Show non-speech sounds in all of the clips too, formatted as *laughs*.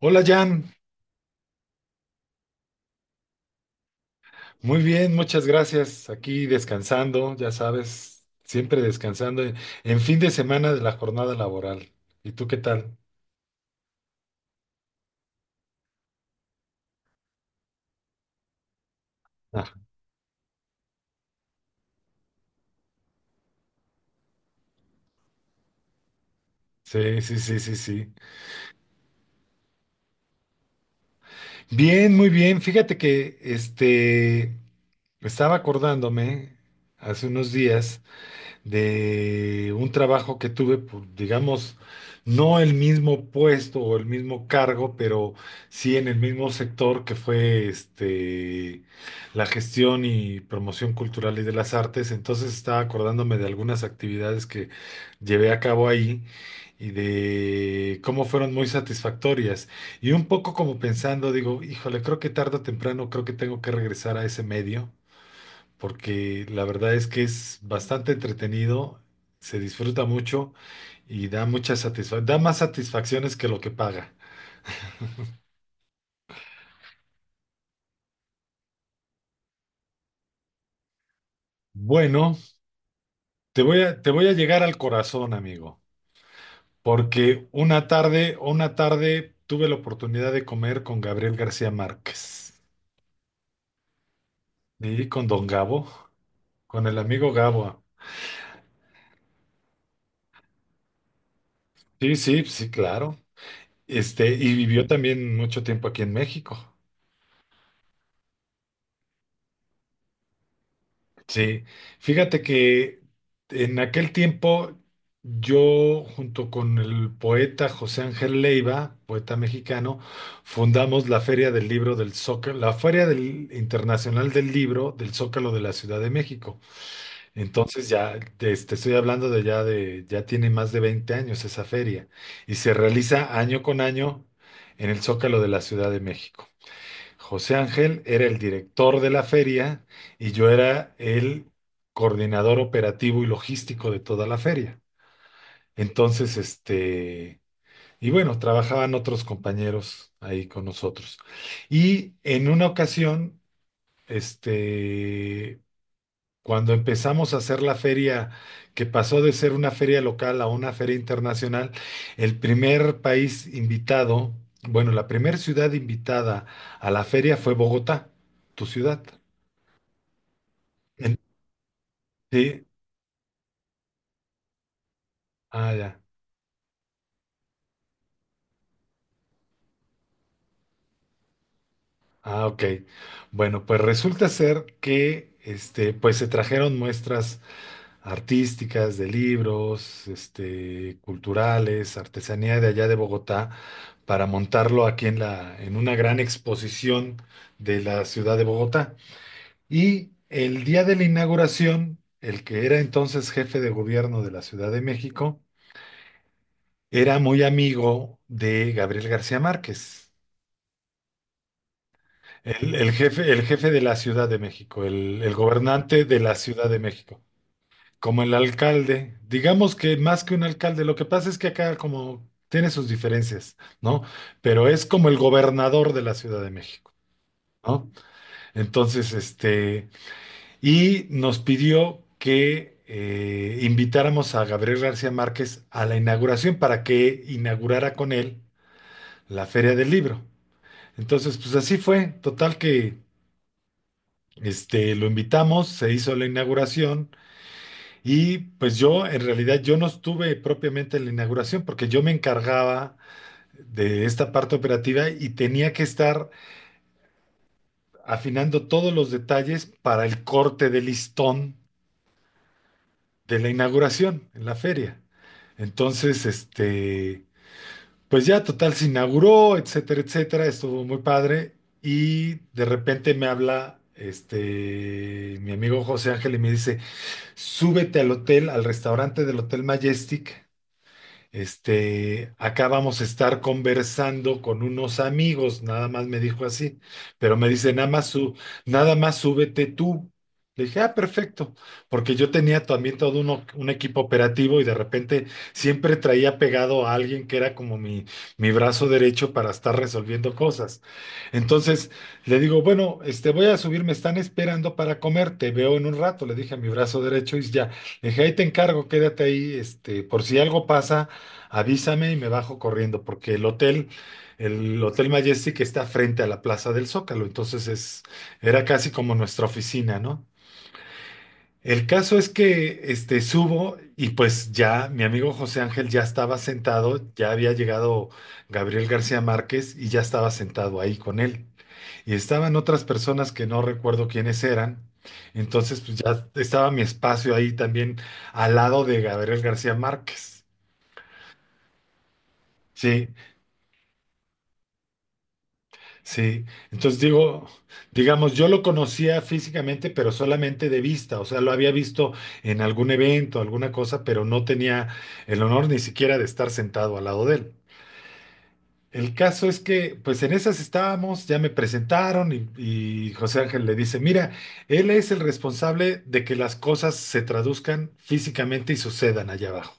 Hola Jan, muy bien, muchas gracias. Aquí descansando, ya sabes, siempre descansando en fin de semana de la jornada laboral. ¿Y tú qué tal? Ah, sí, sí, sí, sí, sí. Bien, muy bien. Fíjate que estaba acordándome hace unos días de un trabajo que tuve, digamos, no el mismo puesto o el mismo cargo, pero sí en el mismo sector que fue la gestión y promoción cultural y de las artes. Entonces estaba acordándome de algunas actividades que llevé a cabo ahí y de cómo fueron muy satisfactorias. Y un poco como pensando, digo, híjole, creo que tarde o temprano, creo que tengo que regresar a ese medio porque la verdad es que es bastante entretenido, se disfruta mucho y da mucha satisfacción, da más satisfacciones que lo que paga. Bueno, te voy a llegar al corazón, amigo, porque una tarde tuve la oportunidad de comer con Gabriel García Márquez y con Don Gabo, con el amigo Gabo. Sí, sí, sí, claro. Y vivió también mucho tiempo aquí en México. Sí, fíjate que en aquel tiempo yo junto con el poeta José Ángel Leiva, poeta mexicano, fundamos la Feria del Libro del Zócalo, Internacional del Libro del Zócalo de la Ciudad de México. Entonces ya te estoy hablando de ya tiene más de 20 años esa feria y se realiza año con año en el Zócalo de la Ciudad de México. José Ángel era el director de la feria y yo era el coordinador operativo y logístico de toda la feria. Entonces, y bueno, trabajaban otros compañeros ahí con nosotros. Y en una ocasión, este, cuando empezamos a hacer la feria, que pasó de ser una feria local a una feria internacional, el primer país invitado, bueno, la primera ciudad invitada a la feria fue Bogotá, tu ciudad. En- Sí, ah, ya. Ah, ok. Bueno, pues resulta ser que pues se trajeron muestras artísticas, de libros, culturales, artesanía de allá de Bogotá, para montarlo aquí en una gran exposición de la ciudad de Bogotá. Y el día de la inauguración, el que era entonces jefe de gobierno de la Ciudad de México, era muy amigo de Gabriel García Márquez. El jefe de la Ciudad de México, el gobernante de la Ciudad de México. Como el alcalde, digamos que más que un alcalde, lo que pasa es que acá como tiene sus diferencias, ¿no? Pero es como el gobernador de la Ciudad de México, ¿no? Entonces, y nos pidió que invitáramos a Gabriel García Márquez a la inauguración para que inaugurara con él la Feria del Libro. Entonces, pues así fue, total que lo invitamos, se hizo la inauguración. Y pues yo, en realidad, yo no estuve propiamente en la inauguración porque yo me encargaba de esta parte operativa y tenía que estar afinando todos los detalles para el corte de listón de la inauguración en la feria. Entonces, pues ya total se inauguró, etcétera, etcétera, estuvo muy padre y de repente me habla mi amigo José Ángel y me dice, "Súbete al hotel, al restaurante del Hotel Majestic." Acá vamos a estar conversando con unos amigos, nada más me dijo así, pero me dice, nada más súbete tú. Le dije, ah, perfecto, porque yo tenía también todo un equipo operativo y de repente siempre traía pegado a alguien que era como mi brazo derecho para estar resolviendo cosas. Entonces le digo, bueno, voy a subir, me están esperando para comer, te veo en un rato, le dije a mi brazo derecho y ya, le dije, ahí te encargo, quédate ahí, por si algo pasa. Avísame y me bajo corriendo, porque el Hotel Majestic está frente a la Plaza del Zócalo, entonces es, era casi como nuestra oficina, ¿no? El caso es que subo y pues ya mi amigo José Ángel ya estaba sentado, ya había llegado Gabriel García Márquez y ya estaba sentado ahí con él. Y estaban otras personas que no recuerdo quiénes eran. Entonces pues ya estaba mi espacio ahí también al lado de Gabriel García Márquez. Sí, sí, entonces digo, digamos, yo lo conocía físicamente, pero solamente de vista, o sea, lo había visto en algún evento, alguna cosa, pero no tenía el honor ni siquiera de estar sentado al lado de él. El caso es que, pues en esas estábamos, ya me presentaron y José Ángel le dice, mira, él es el responsable de que las cosas se traduzcan físicamente y sucedan allá abajo,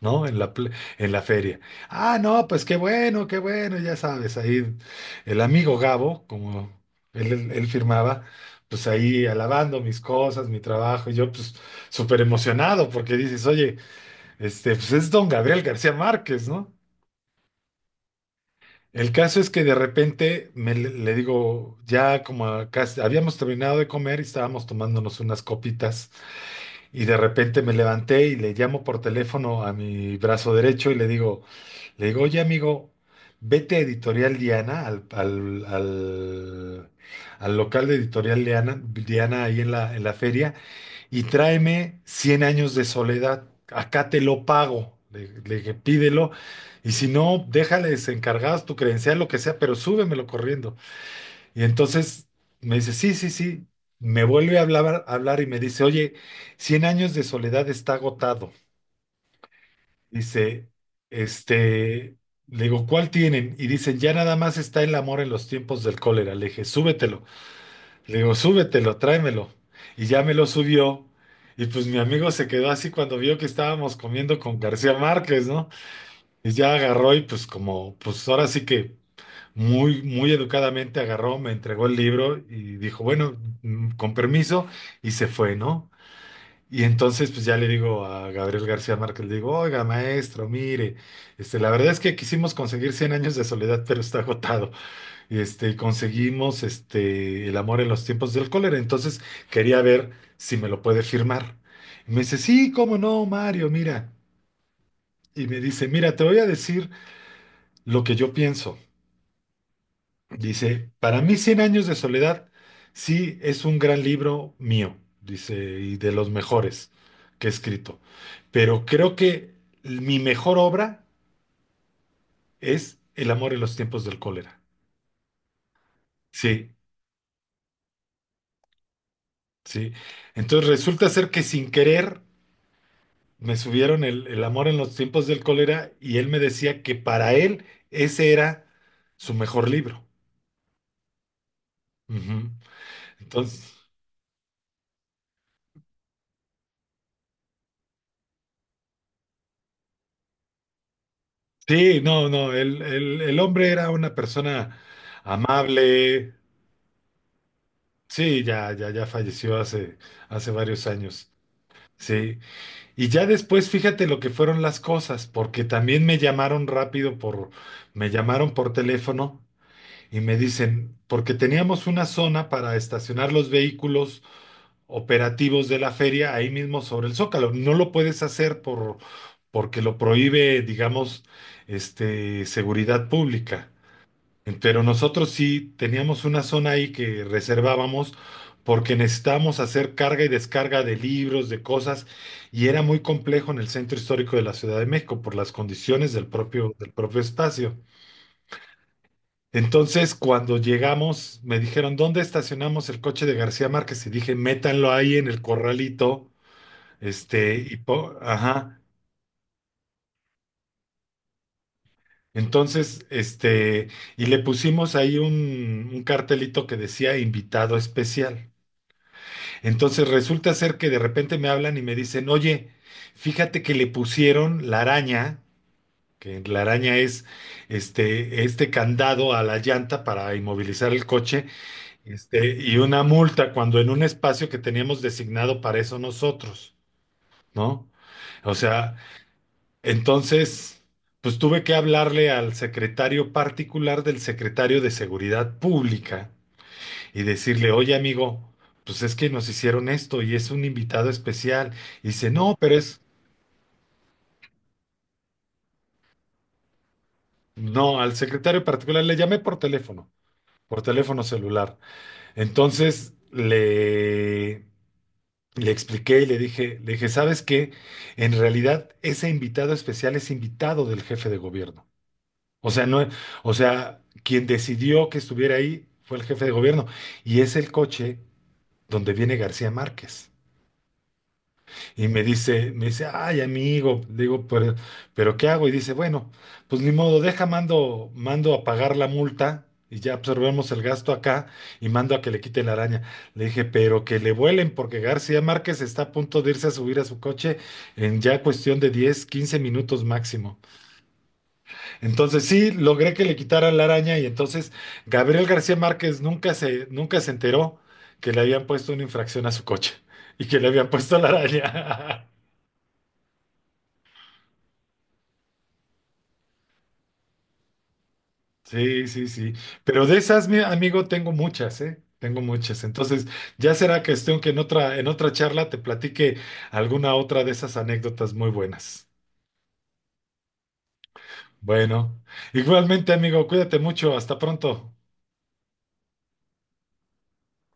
¿no? En la feria. Ah, no, pues qué bueno, ya sabes, ahí el amigo Gabo, como él firmaba, pues ahí alabando mis cosas, mi trabajo, y yo pues súper emocionado porque dices, oye, pues es don Gabriel García Márquez, ¿no? El caso es que de repente le digo, ya habíamos terminado de comer y estábamos tomándonos unas copitas y de repente me levanté y le llamo por teléfono a mi brazo derecho y le digo, oye amigo, vete a Editorial Diana, al local de Editorial Diana, Diana ahí en la feria y tráeme Cien años de soledad. Acá te lo pago. Le dije, pídelo. Y si no, déjales encargadas tu credencial, lo que sea, pero súbemelo corriendo. Y entonces me dice, sí, sí, sí. Me vuelve a hablar, y me dice, oye, Cien años de soledad está agotado. Dice, este, le digo, ¿cuál tienen? Y dicen, ya nada más está El amor en los tiempos del cólera. Le dije, súbetelo. Le digo, súbetelo, tráemelo. Y ya me lo subió. Y pues mi amigo se quedó así cuando vio que estábamos comiendo con García Márquez, ¿no? Y ya agarró y pues como, pues ahora sí que muy, muy educadamente agarró, me entregó el libro y dijo, bueno, con permiso, y se fue, ¿no? Y entonces pues ya le digo a Gabriel García Márquez, le digo, oiga, maestro, mire, la verdad es que quisimos conseguir Cien años de soledad, pero está agotado conseguimos El amor en los tiempos del cólera. Entonces quería ver si me lo puede firmar. Y me dice, sí, cómo no, Mario, mira. Y me dice, mira, te voy a decir lo que yo pienso. Dice, para mí, Cien años de soledad, sí, es un gran libro mío, dice, y de los mejores que he escrito. Pero creo que mi mejor obra es El amor en los tiempos del cólera. Sí, sí. Entonces resulta ser que sin querer me subieron El amor en los tiempos del cólera y él me decía que para él ese era su mejor libro. Ujú. Entonces, sí, no, no, el hombre era una persona amable. Sí, ya, ya, ya falleció hace, hace varios años. Sí, y ya después fíjate lo que fueron las cosas, porque también me llamaron rápido me llamaron por teléfono y me dicen, porque teníamos una zona para estacionar los vehículos operativos de la feria ahí mismo sobre el Zócalo. No lo puedes hacer porque lo prohíbe, digamos, seguridad pública. Pero nosotros sí teníamos una zona ahí que reservábamos porque necesitábamos hacer carga y descarga de libros, de cosas, y era muy complejo en el centro histórico de la Ciudad de México por las condiciones del propio espacio. Entonces, cuando llegamos, me dijeron, ¿dónde estacionamos el coche de García Márquez? Y dije, métanlo ahí en el corralito ajá. Entonces, y le pusimos ahí un cartelito que decía invitado especial. Entonces resulta ser que de repente me hablan y me dicen, oye, fíjate que le pusieron la araña, que la araña es este candado a la llanta para inmovilizar el coche, y una multa cuando en un espacio que teníamos designado para eso nosotros, ¿no? O sea, entonces, pues tuve que hablarle al secretario particular del secretario de Seguridad Pública y decirle, oye amigo, pues es que nos hicieron esto y es un invitado especial. Y dice, no, pero es, no, al secretario particular le llamé por teléfono celular. Entonces le expliqué y le dije, ¿sabes qué? En realidad ese invitado especial es invitado del jefe de gobierno. O sea, no, o sea, quien decidió que estuviera ahí fue el jefe de gobierno. Y es el coche donde viene García Márquez. Y me dice, ay, amigo. Le digo, pero ¿qué hago? Y dice, bueno, pues ni modo, deja, mando a pagar la multa y ya absorbemos el gasto acá y mando a que le quite la araña. Le dije, pero que le vuelen porque García Márquez está a punto de irse a subir a su coche en ya cuestión de 10 15 minutos máximo. Entonces sí, logré que le quitaran la araña y entonces Gabriel García Márquez nunca se enteró que le habían puesto una infracción a su coche y que le habían puesto la araña. *laughs* Sí, sí, sí. Pero de esas, mi amigo, tengo muchas, ¿eh? Tengo muchas. Entonces, ya será cuestión que en otra charla te platique alguna otra de esas anécdotas muy buenas. Bueno, igualmente, amigo, cuídate mucho. Hasta pronto.